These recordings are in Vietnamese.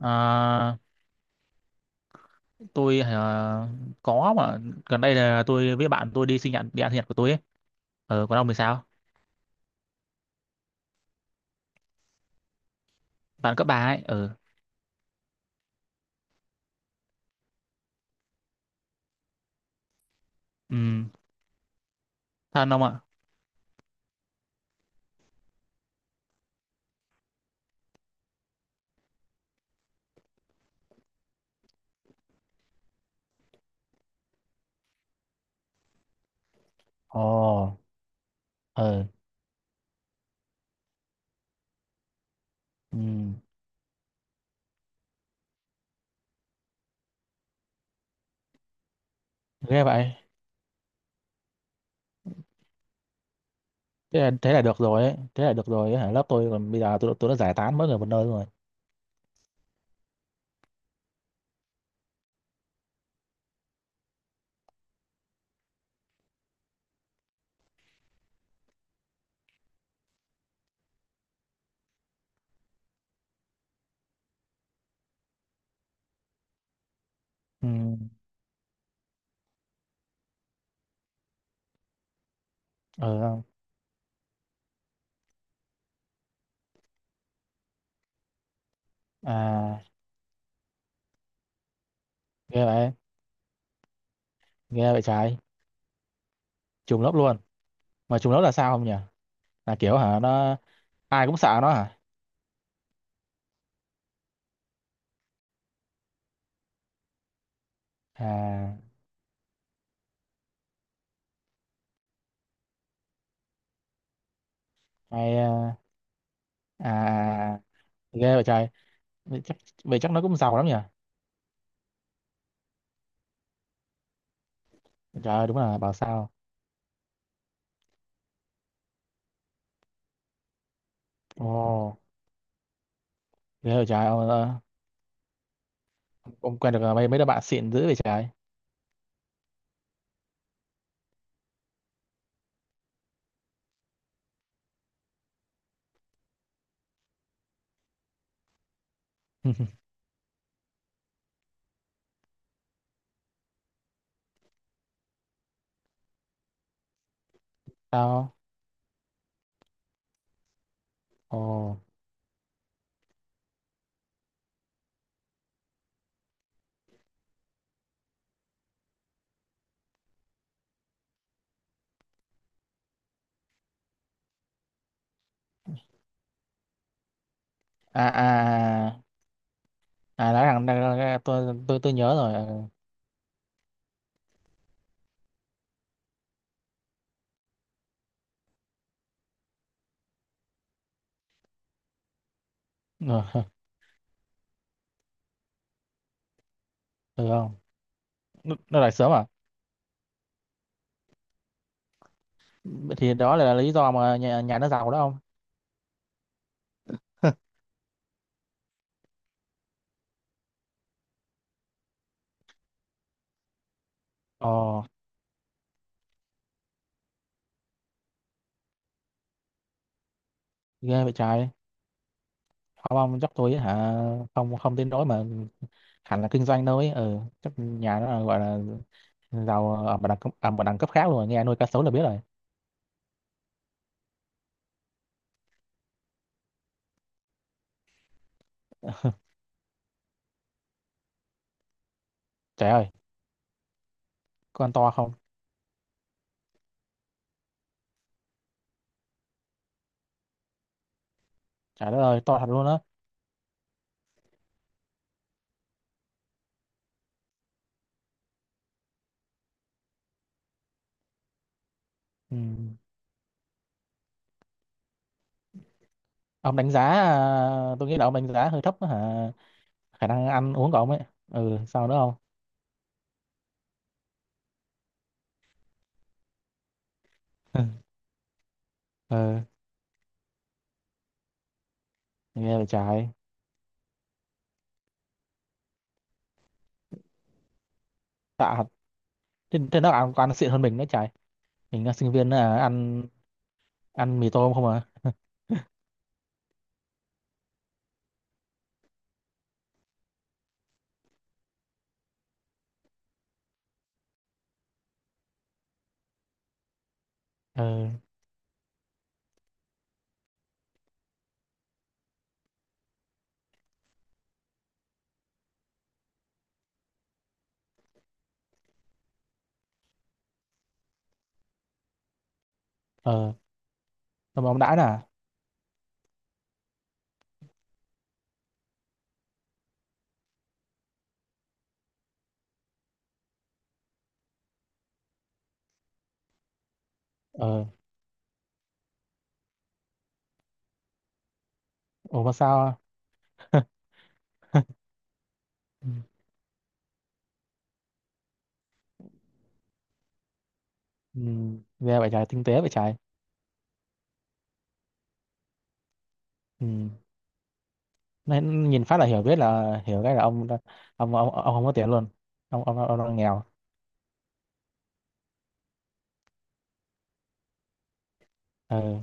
À, tôi à, có mà gần đây là tôi với bạn tôi đi sinh nhật đi ăn sinh nhật của tôi ấy. Ờ, còn ông thì sao? Bạn cấp ba ấy. Ờ, ừ, thân ông ạ. Ồ, ờ, ừ, ghê vậy. Thế là được rồi ấy. Thế là được rồi ấy. Hả? Lớp tôi còn bây giờ tôi đã giải tán mỗi người một nơi rồi. Ừ, ờ, không? À, ghê vậy, ghê vậy trái. Trùng lớp luôn. Mà trùng lớp là sao không nhỉ? Là kiểu hả, nó, ai cũng sợ nó hả? À, hay, à, à, ghê vậy, vậy chắc vậy chắc nó cũng giàu lắm nhỉ. Trời ơi, đúng là bảo sao. Ồ thế rồi trời ông, ờ, ông quen được ờ, mấy mấy đứa bạn xịn dữ vậy trời. Sao? Ồ, à à à à, nói thằng tôi tôi nhớ rồi ờ. Ờ, được không? Nó lại sớm à? Vậy thì đó là lý do mà nhà nó giàu đó không? Ồ, ghê vậy trời. Không ông chắc tôi hả? Không không đến nỗi mà hẳn là kinh doanh đâu ấy, ừ chắc nhà nó là gọi là giàu ở một đẳng cấp ở một đẳng cấp khác luôn, nghe nuôi cá sấu là biết rồi. Trời ơi, con to không? Trời đất ơi, to thật luôn á. Ừ. Ông đánh giá, à, tôi nghĩ là ông đánh giá hơi thấp á hả? Khả năng ăn uống của ông ấy. Ừ, sao nữa không? Ừ, nghe vậy trời. Tạ thật. Thế, thế nó ăn, ăn xịn hơn mình nữa trời. Mình là sinh viên à, ăn ăn mì tôm không à? Ừ, ừ. Xong rồi ông đãi nè. Ừ, ủa mà sao? Ừ. Ừ, nghe vậy trời, tinh tế vậy trời. Ừ. Nó nhìn phát là hiểu biết là hiểu cái là ông ông, ông không có tiền luôn. Ông ông đang nghèo. Ừ.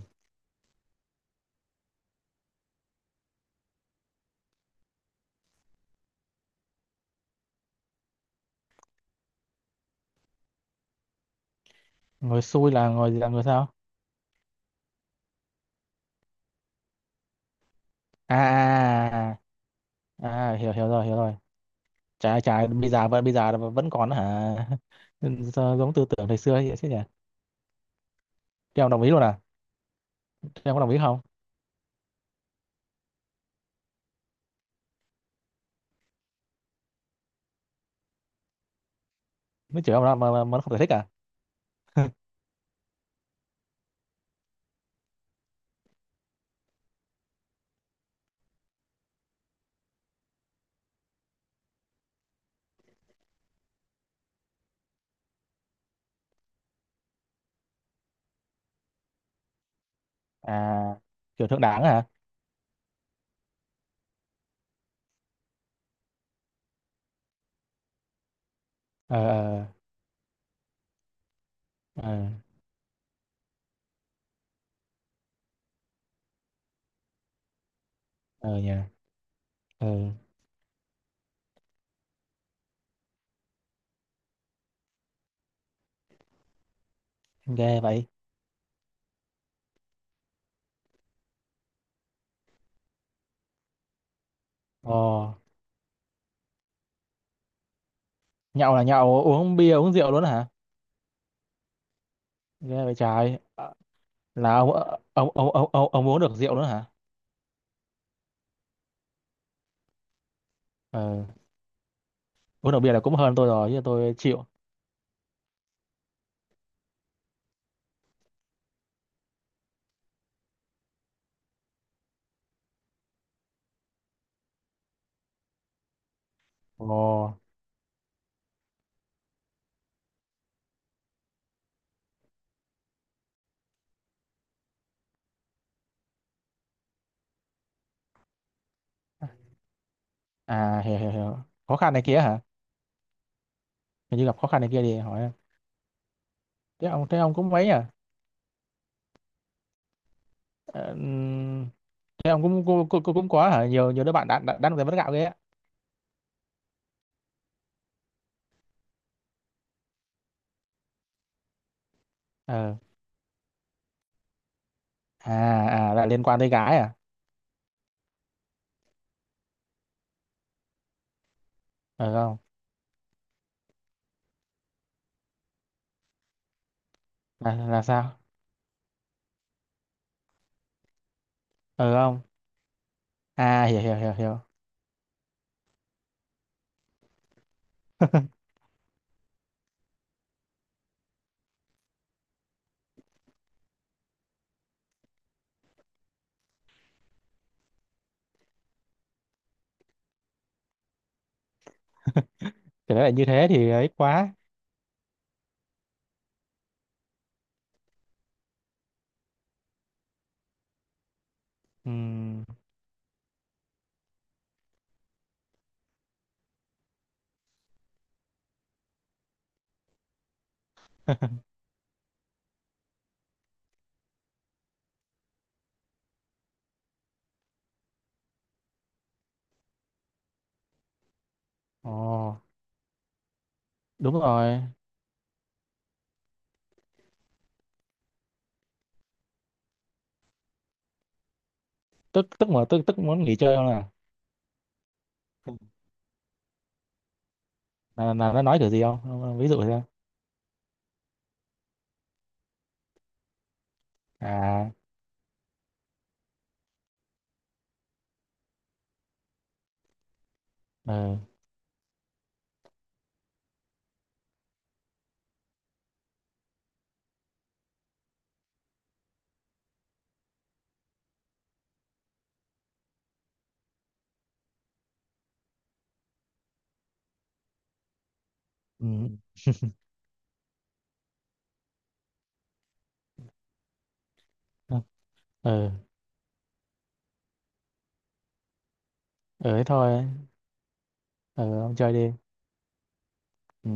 Ngồi xui là ngồi gì, là ngồi sao? À à, à, à à, hiểu hiểu rồi hiểu rồi. Trái trái bây giờ vẫn còn hả? Sao giống tư tưởng thời xưa ấy chứ nhỉ? Thì ông đồng ý luôn à? Thì ông có đồng ý không? Mới chửi ông mà, mà nó không giải thích à? À kiểu thượng đảng hả? Ờ ờ. Ờ ờ nhỉ. Ờ ghê vậy. Ồ nhậu là nhậu uống bia uống rượu luôn hả? Ghê vậy trời. Ờ, là ông ờ, ông uống được rượu nữa hả? Ờ uống được bia là cũng hơn tôi rồi chứ tôi chịu. Ồ. À hiểu hiểu hiểu. Khó khăn này kia hả? Hình như gặp khó khăn này kia thì hỏi em. Thế ông thế ông cũng mấy à? Ờ, thế ông cũng cũng cũng, cũng cũng có hả? Nhiều nhiều đứa bạn đã đang giải mất gạo ghê á. Ờ. À à là liên quan tới gái à? Ờ không. Là sao? Ờ không. À hiểu hiểu hiểu hiểu. Thì đấy là như thế thì ấy quá. Ừm. Ồ, đúng rồi. Tức tức mà tức tức muốn nghỉ chơi không à? Là nó nói kiểu gì không? Ông- Ví dụ thế. À ờ ừ. Ừ, ừ ừ thế thôi. Ừ ông chơi đi. Ừ.